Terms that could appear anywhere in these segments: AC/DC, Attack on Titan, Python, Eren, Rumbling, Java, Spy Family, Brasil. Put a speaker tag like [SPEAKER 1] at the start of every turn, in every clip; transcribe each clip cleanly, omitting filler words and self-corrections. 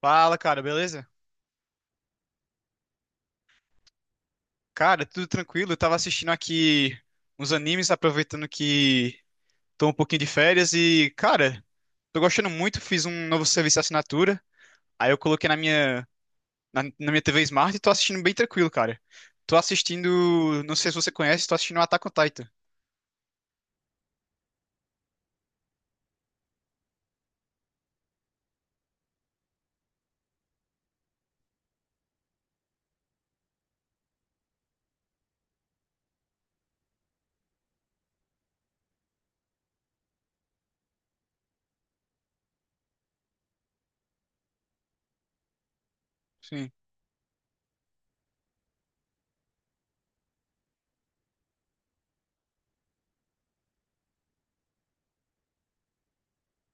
[SPEAKER 1] Fala, cara, beleza? Cara, tudo tranquilo. Eu tava assistindo aqui uns animes, aproveitando que tô um pouquinho de férias e, cara, tô gostando muito. Fiz um novo serviço de assinatura. Aí eu coloquei na minha TV Smart e tô assistindo bem tranquilo, cara. Tô assistindo, não sei se você conhece, tô assistindo Attack on Titan.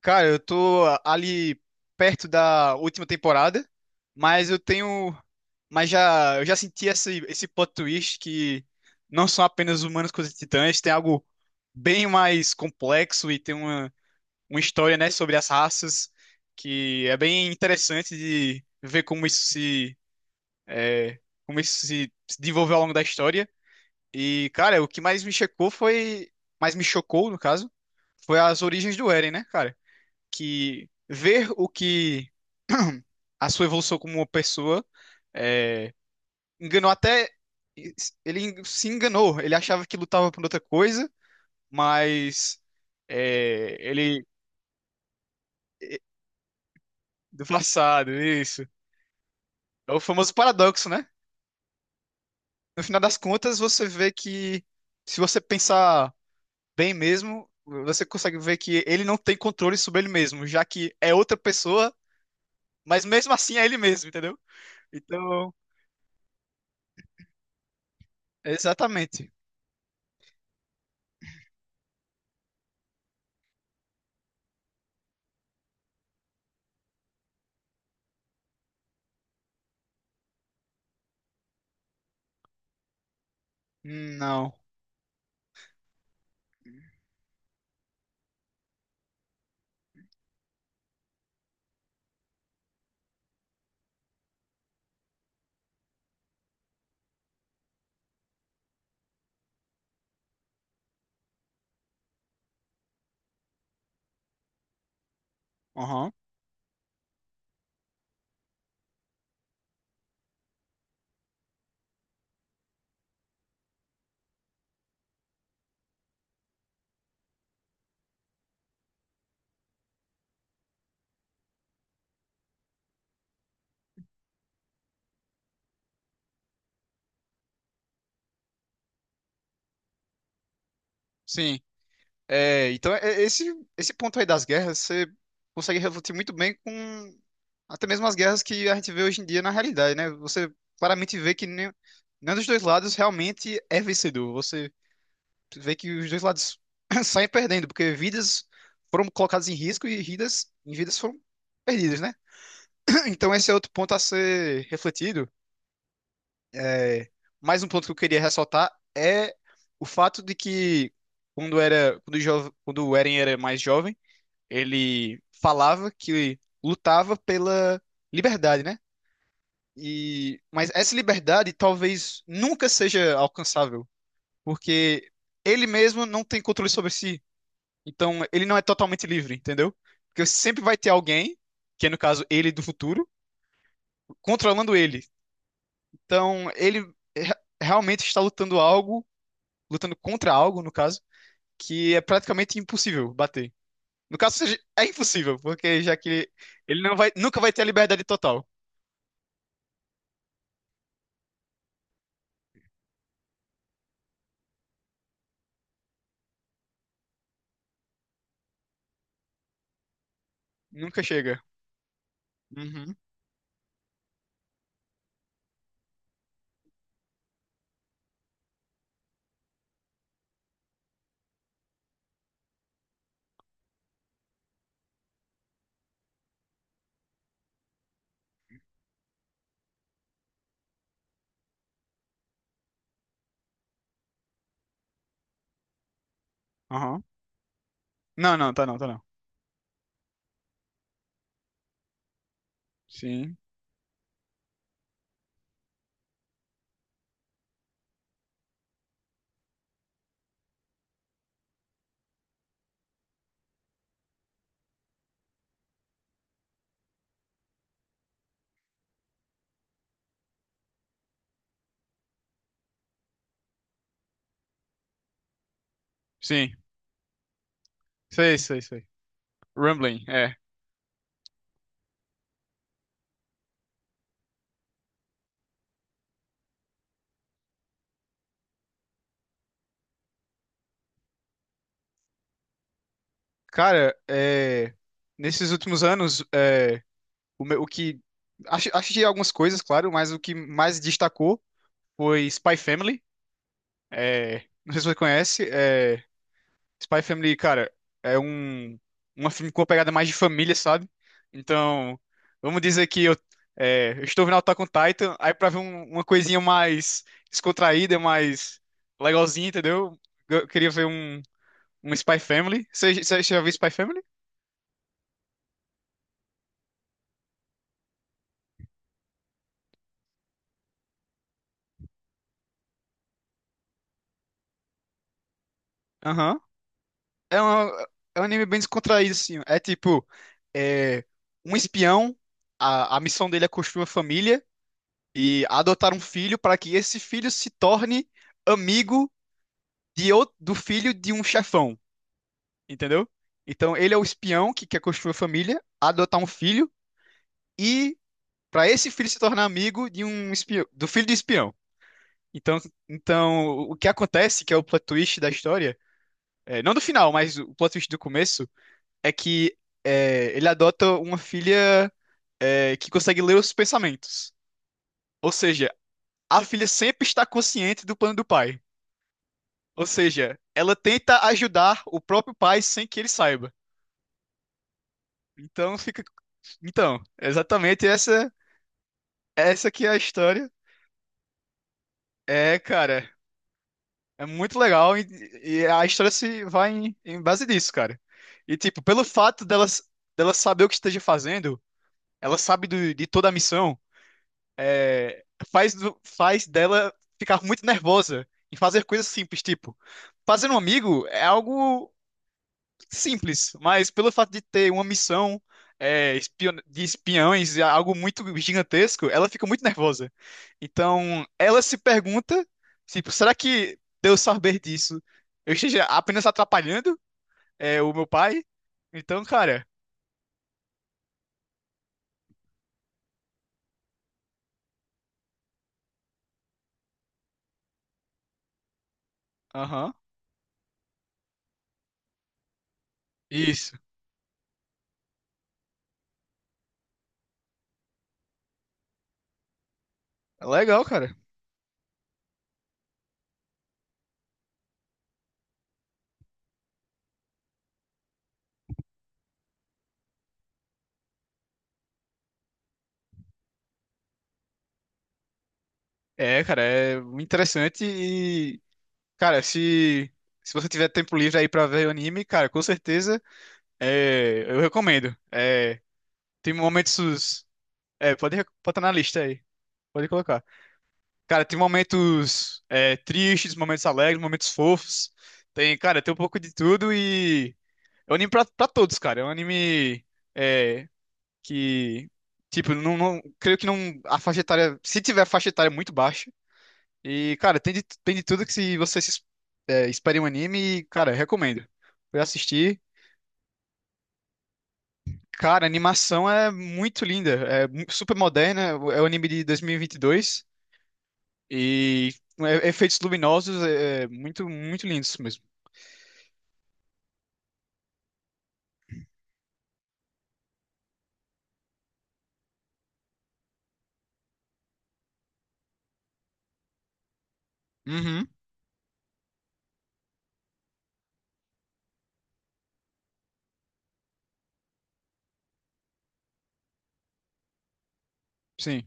[SPEAKER 1] Cara, eu tô ali perto da última temporada, mas eu tenho, mas já eu já senti esse plot twist que não são apenas humanos contra titãs, tem algo bem mais complexo e tem uma história, né, sobre as raças que é bem interessante de ver é, como isso se desenvolveu ao longo da história. E cara, o que mais me chocou foi, mais me chocou no caso, foi as origens do Eren, né, cara? Que ver o que A sua evolução como uma pessoa é, enganou até. Ele se enganou, ele achava que lutava por outra coisa, mas ele. Do passado, isso. É o famoso paradoxo, né? No final das contas, você vê que, se você pensar bem mesmo, você consegue ver que ele não tem controle sobre ele mesmo, já que é outra pessoa, mas mesmo assim é ele mesmo, entendeu? Então, exatamente. Não. Aham. Sim. É, então, é- é, esse, Esse ponto aí das guerras, você consegue refletir muito bem com até mesmo as guerras que a gente vê hoje em dia na realidade, né? Você claramente vê que nem, nenhum dos dois lados realmente é vencedor. Você vê que os dois lados saem perdendo, porque vidas foram colocadas em risco e vidas foram perdidas, né? Então, esse é outro ponto a ser refletido. É, mais um ponto que eu queria ressaltar é o fato de que quando o Eren era mais jovem, ele falava que lutava pela liberdade, né? Mas essa liberdade talvez nunca seja alcançável, porque ele mesmo não tem controle sobre si. Então ele não é totalmente livre, entendeu? Porque sempre vai ter alguém, que é no caso ele do futuro, controlando ele. Então ele re- realmente está lutando contra algo, no caso, que é praticamente impossível bater. No caso, seja, é impossível, porque já que ele não vai, nunca vai ter a liberdade total. Nunca chega. Uhum. Aham. Não, não, tá não, tá não. Sim. Sim. Sei, sei, sei. Rumbling, é. Cara, nesses últimos anos, é, o, meu- o que. Acho, achei algumas coisas, claro, mas o que mais destacou foi Spy Family. É, não sei se você conhece. Spy Family, cara, é uma filme com uma pegada mais de família, sabe? Então, vamos dizer que eu estou vendo Attack on Titan, aí pra ver uma coisinha mais descontraída, mais legalzinha, entendeu? Eu queria ver um Spy Family. Você já viu Spy Family? Aham. É um, é um anime bem descontraído, assim. É tipo, é, um espião, a missão dele é construir uma família e adotar um filho para que esse filho se torne amigo do filho de um chefão, entendeu? Então ele é o espião que quer construir uma família, adotar um filho e para esse filho se tornar amigo de um espião, do filho de espião. Então, então o que acontece, que é o plot twist da história, é, não do final, mas o plot twist do começo é que ele adota uma filha que consegue ler os pensamentos. Ou seja, a filha sempre está consciente do plano do pai. Ou seja, ela tenta ajudar o próprio pai sem que ele saiba. Então fica. Então, exatamente essa que é a história. É, cara, é muito legal e a história se vai em, em base disso, cara. E tipo, pelo fato dela saber o que esteja fazendo, ela sabe de toda a missão. é, Faz dela ficar muito nervosa em fazer coisas simples, tipo, fazer um amigo é algo simples, mas pelo fato de ter uma missão de espiões, é algo muito gigantesco, ela fica muito nervosa. Então, ela se pergunta, tipo, será que de eu saber disso, eu esteja apenas atrapalhando o meu pai? Então, cara, aham, isso. Legal, cara. É, cara, é muito interessante. Cara, se você tiver tempo livre aí pra ver o anime, cara, com certeza eu recomendo. É, tem momentos. É, botar na lista aí. Pode colocar. Cara, tem momentos é, tristes, momentos alegres, momentos fofos. Tem, cara, tem um pouco de tudo e. É um anime pra, pra todos, cara. É um anime é, que. Tipo, creio que não. A faixa etária. Se tiver faixa etária muito baixa. E, cara, tem de tudo que se você se, é, espere um anime, cara, recomendo. Fui assistir. Cara, a animação é muito linda, super moderna, é o anime de 2022 e vinte e dois e efeitos luminosos é muito, muito lindos mesmo. Uhum, sim.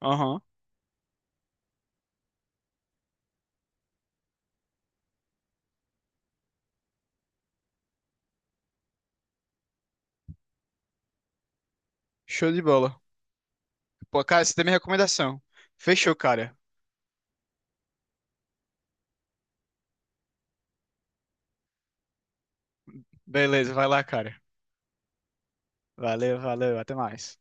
[SPEAKER 1] Aham. Show de bola. Pô, cara, você tem minha recomendação. Fechou, cara. Beleza, vai lá, cara. Valeu, valeu, até mais.